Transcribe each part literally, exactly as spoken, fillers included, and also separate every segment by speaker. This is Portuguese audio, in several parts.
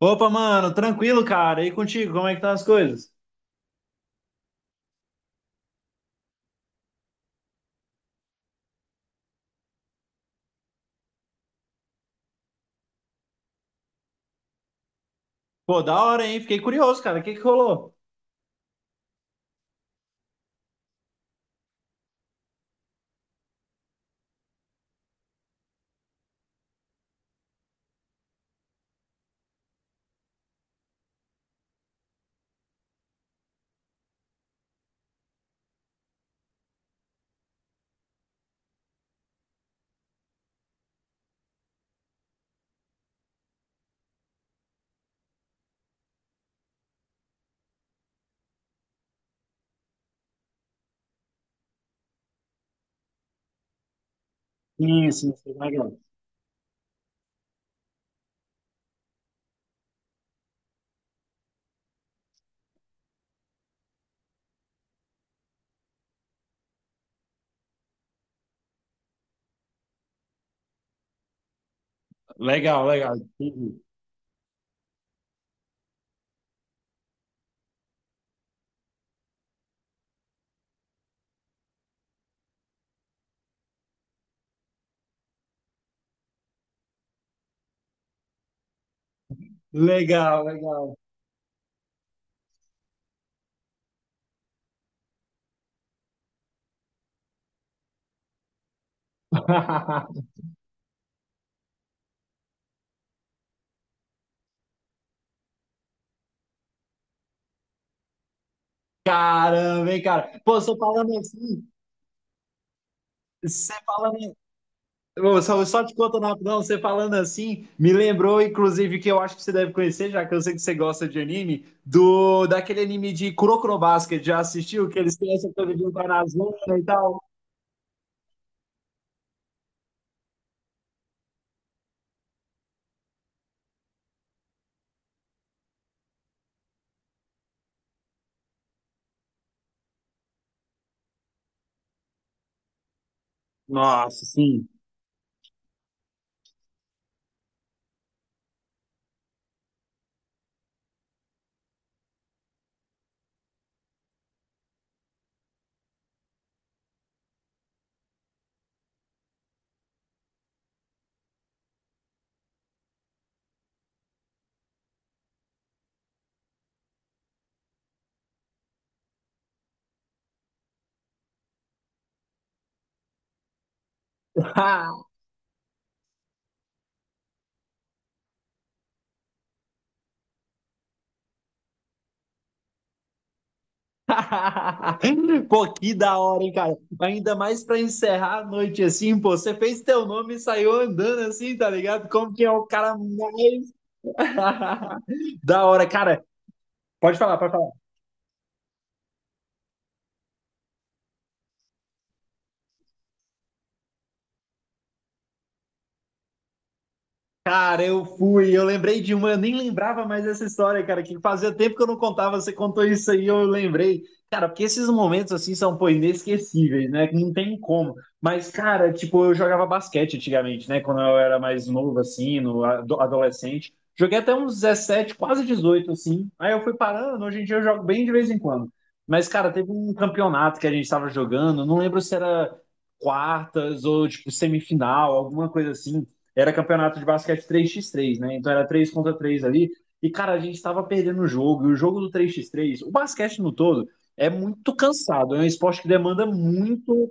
Speaker 1: Opa, mano, tranquilo, cara. E contigo, como é que estão as coisas? Pô, da hora, hein? Fiquei curioso, cara. O que que rolou? Sim, sim, sim, legal. Legal, legal. Uhum. Legal, legal. Caramba, hein, cara? Pô, você falando assim, você falando. Ô, Só, só te contando rapidão, você falando assim, me lembrou, inclusive, que eu acho que você deve conhecer, já que eu sei que você gosta de anime, do daquele anime de Kuroko no Basket. Já assistiu? Que eles têm essa coisa de entrar na zona e tal. Nossa, sim. Pô, que da hora, hein, cara? Ainda mais pra encerrar a noite assim, pô. Você fez teu nome e saiu andando assim, tá ligado? Como que é o cara mais. Da hora, cara. Pode falar, pode falar. Cara, eu fui, eu lembrei de uma, eu nem lembrava mais dessa história, cara, que fazia tempo que eu não contava, você contou isso aí, eu lembrei. Cara, porque esses momentos assim são, pô, inesquecíveis, né? Que não tem como. Mas, cara, tipo, eu jogava basquete antigamente, né? Quando eu era mais novo, assim, no ado- adolescente. Joguei até uns dezessete, quase dezoito, assim. Aí eu fui parando, hoje em dia eu jogo bem de vez em quando. Mas, cara, teve um campeonato que a gente tava jogando, não lembro se era quartas ou, tipo, semifinal, alguma coisa assim, era campeonato de basquete três x três, né? Então era três contra três ali. E, cara, a gente estava perdendo o jogo. E o jogo do três x três, o basquete no todo, é muito cansado. É um esporte que demanda muito,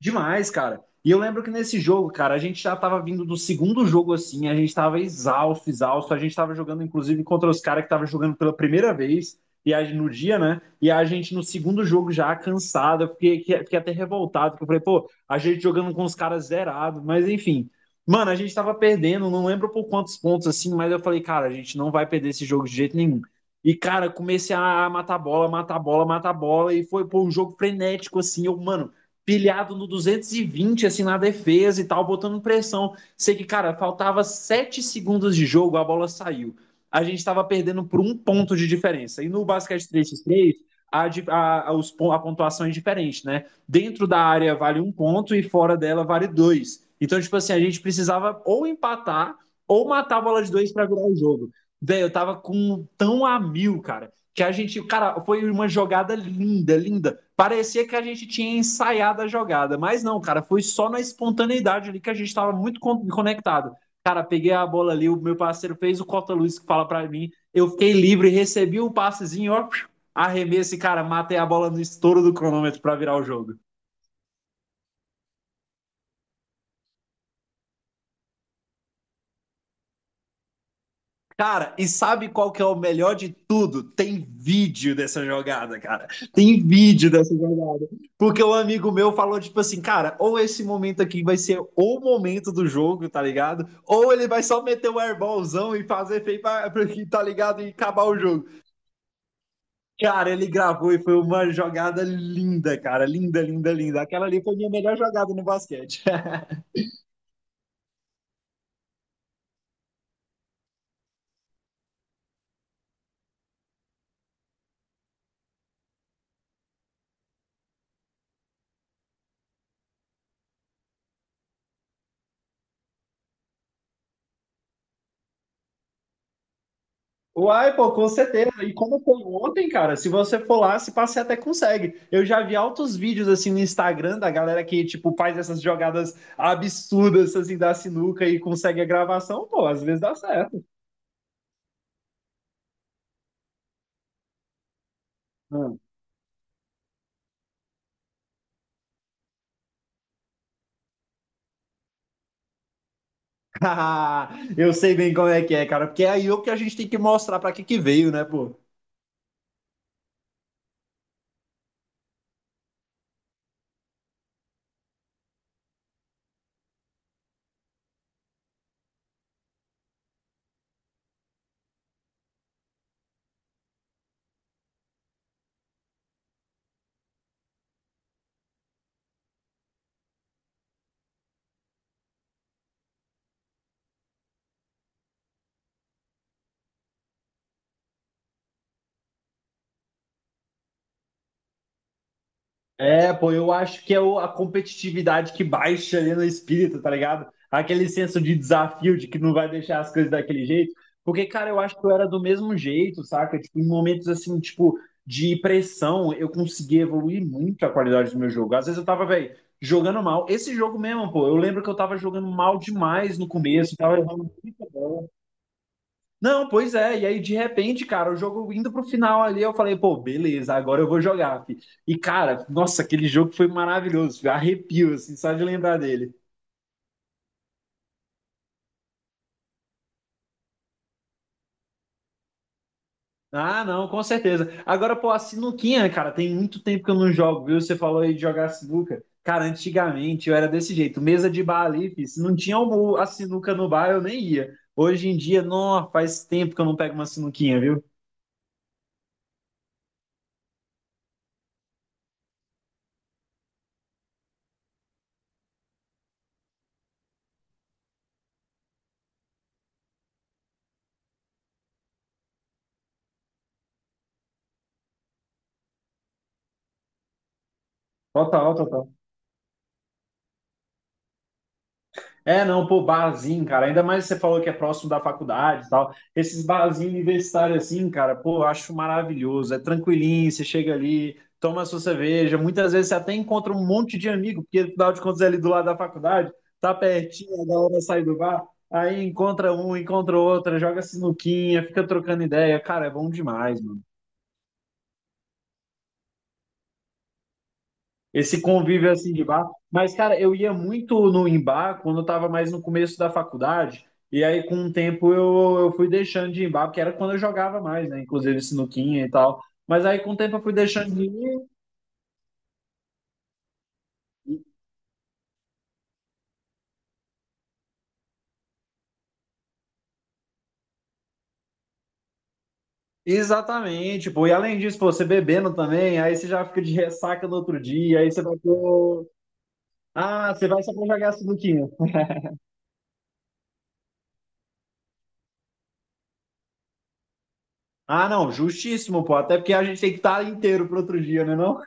Speaker 1: demais, cara. E eu lembro que nesse jogo, cara, a gente já tava vindo do segundo jogo assim, a gente tava exausto, exausto, a gente tava jogando inclusive contra os caras que tava jogando pela primeira vez e a, no dia, né? E a gente no segundo jogo já cansado, eu fiquei, que- fiquei até revoltado, porque eu falei, pô, a gente jogando com os caras zerado, mas enfim. Mano, a gente tava perdendo, não lembro por quantos pontos assim, mas eu falei, cara, a gente não vai perder esse jogo de jeito nenhum. E, cara, comecei a matar bola, matar bola, matar bola, e foi, pô, um jogo frenético, assim. Eu, mano, pilhado no duzentos e vinte assim, na defesa e tal, botando pressão. Sei que, cara, faltava sete segundos de jogo, a bola saiu. A gente estava perdendo por um ponto de diferença. E no basquete três x três a, a, a, os, a pontuação é diferente, né? Dentro da área vale um ponto e fora dela vale dois. Então, tipo assim, a gente precisava ou empatar ou matar a bola de dois para virar o jogo. Velho, eu tava com tão a mil, cara, que a gente, cara, foi uma jogada linda, linda. Parecia que a gente tinha ensaiado a jogada, mas não, cara, foi só na espontaneidade ali que a gente estava muito conectado. Cara, peguei a bola ali, o meu parceiro fez o cota-luz que fala para mim, eu fiquei livre, recebi um passezinho, ó, arremesso e, cara, matei a bola no estouro do cronômetro para virar o jogo. Cara, e sabe qual que é o melhor de tudo? Tem vídeo dessa jogada, cara. Tem vídeo dessa jogada. Porque um amigo meu falou, tipo assim, cara, ou esse momento aqui vai ser o momento do jogo, tá ligado? Ou ele vai só meter o airballzão e fazer feio, pra- pra- tá ligado? E acabar o jogo. Cara, ele gravou e foi uma jogada linda, cara. Linda, linda, linda. Aquela ali foi minha melhor jogada no basquete. Uai, pô, com certeza. E como foi ontem, cara, se você for lá, se pá, você até consegue. Eu já vi altos vídeos assim no Instagram da galera que, tipo, faz essas jogadas absurdas assim da sinuca e consegue a gravação, pô, às vezes dá certo. Hum. Eu sei bem como é que é, cara, porque é aí o que a gente tem que mostrar pra que que veio, né, pô? É, pô, eu acho que é o- a competitividade que baixa ali no espírito, tá ligado? Aquele senso de desafio, de que não vai deixar as coisas daquele jeito. Porque, cara, eu acho que eu era do mesmo jeito, saca? Tipo, em momentos assim, tipo, de pressão, eu consegui evoluir muito a qualidade do meu jogo. Às vezes eu tava, velho, jogando mal. Esse jogo mesmo, pô, eu lembro que eu tava jogando mal demais no começo, tava errando muita bola. Não, pois é. E aí, de repente, cara, o jogo indo pro final ali, eu falei, pô, beleza, agora eu vou jogar, fi. E, cara, nossa, aquele jogo foi maravilhoso, fi. Arrepio, assim, só de lembrar dele. Ah, não, com certeza. Agora, pô, a sinuquinha, cara, tem muito tempo que eu não jogo, viu? Você falou aí de jogar sinuca. Cara, antigamente eu era desse jeito, mesa de bar ali, fi. Se não tinha o- a sinuca no bar, eu nem ia. Hoje em dia, não, faz tempo que eu não pego uma sinuquinha, viu? Total, total. É, não, pô, barzinho, cara. Ainda mais você falou que é próximo da faculdade e tal. Esses barzinhos universitários assim, cara, pô, eu acho maravilhoso. É tranquilinho, você chega ali, toma a sua cerveja. Muitas vezes você até encontra um monte de amigo, porque afinal de contas é ali do lado da faculdade, tá pertinho, é da hora de sair do bar. Aí encontra um, encontra outra, joga sinuquinha, fica trocando ideia. Cara, é bom demais, mano. Esse convívio assim de bar. Mas, cara, eu ia muito no em bar quando eu tava mais no começo da faculdade. E aí, com o tempo, eu, eu fui deixando de ir em bar, porque era quando eu jogava mais, né? Inclusive sinuquinha e tal. Mas aí, com o tempo, eu fui deixando de ir. Exatamente, pô. E além disso, pô, você bebendo também, aí você já fica de ressaca no outro dia, aí você vai pro... Ah, você vai só pra jogar sinuquinha. Ah, não, justíssimo, pô. Até porque a gente tem que estar inteiro pro outro dia, né, não?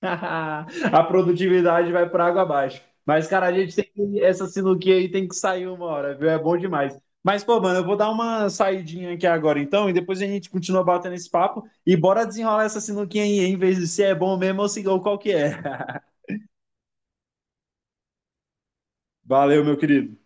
Speaker 1: A produtividade vai para água abaixo. Mas, cara, a gente tem que, essa sinuquinha aí tem que sair uma hora, viu? É bom demais. Mas, pô, mano, eu vou dar uma saidinha aqui agora, então, e depois a gente continua batendo esse papo e bora desenrolar essa sinuquinha aí, em vez de se é bom mesmo ou se- ou qual que é. Valeu, meu querido.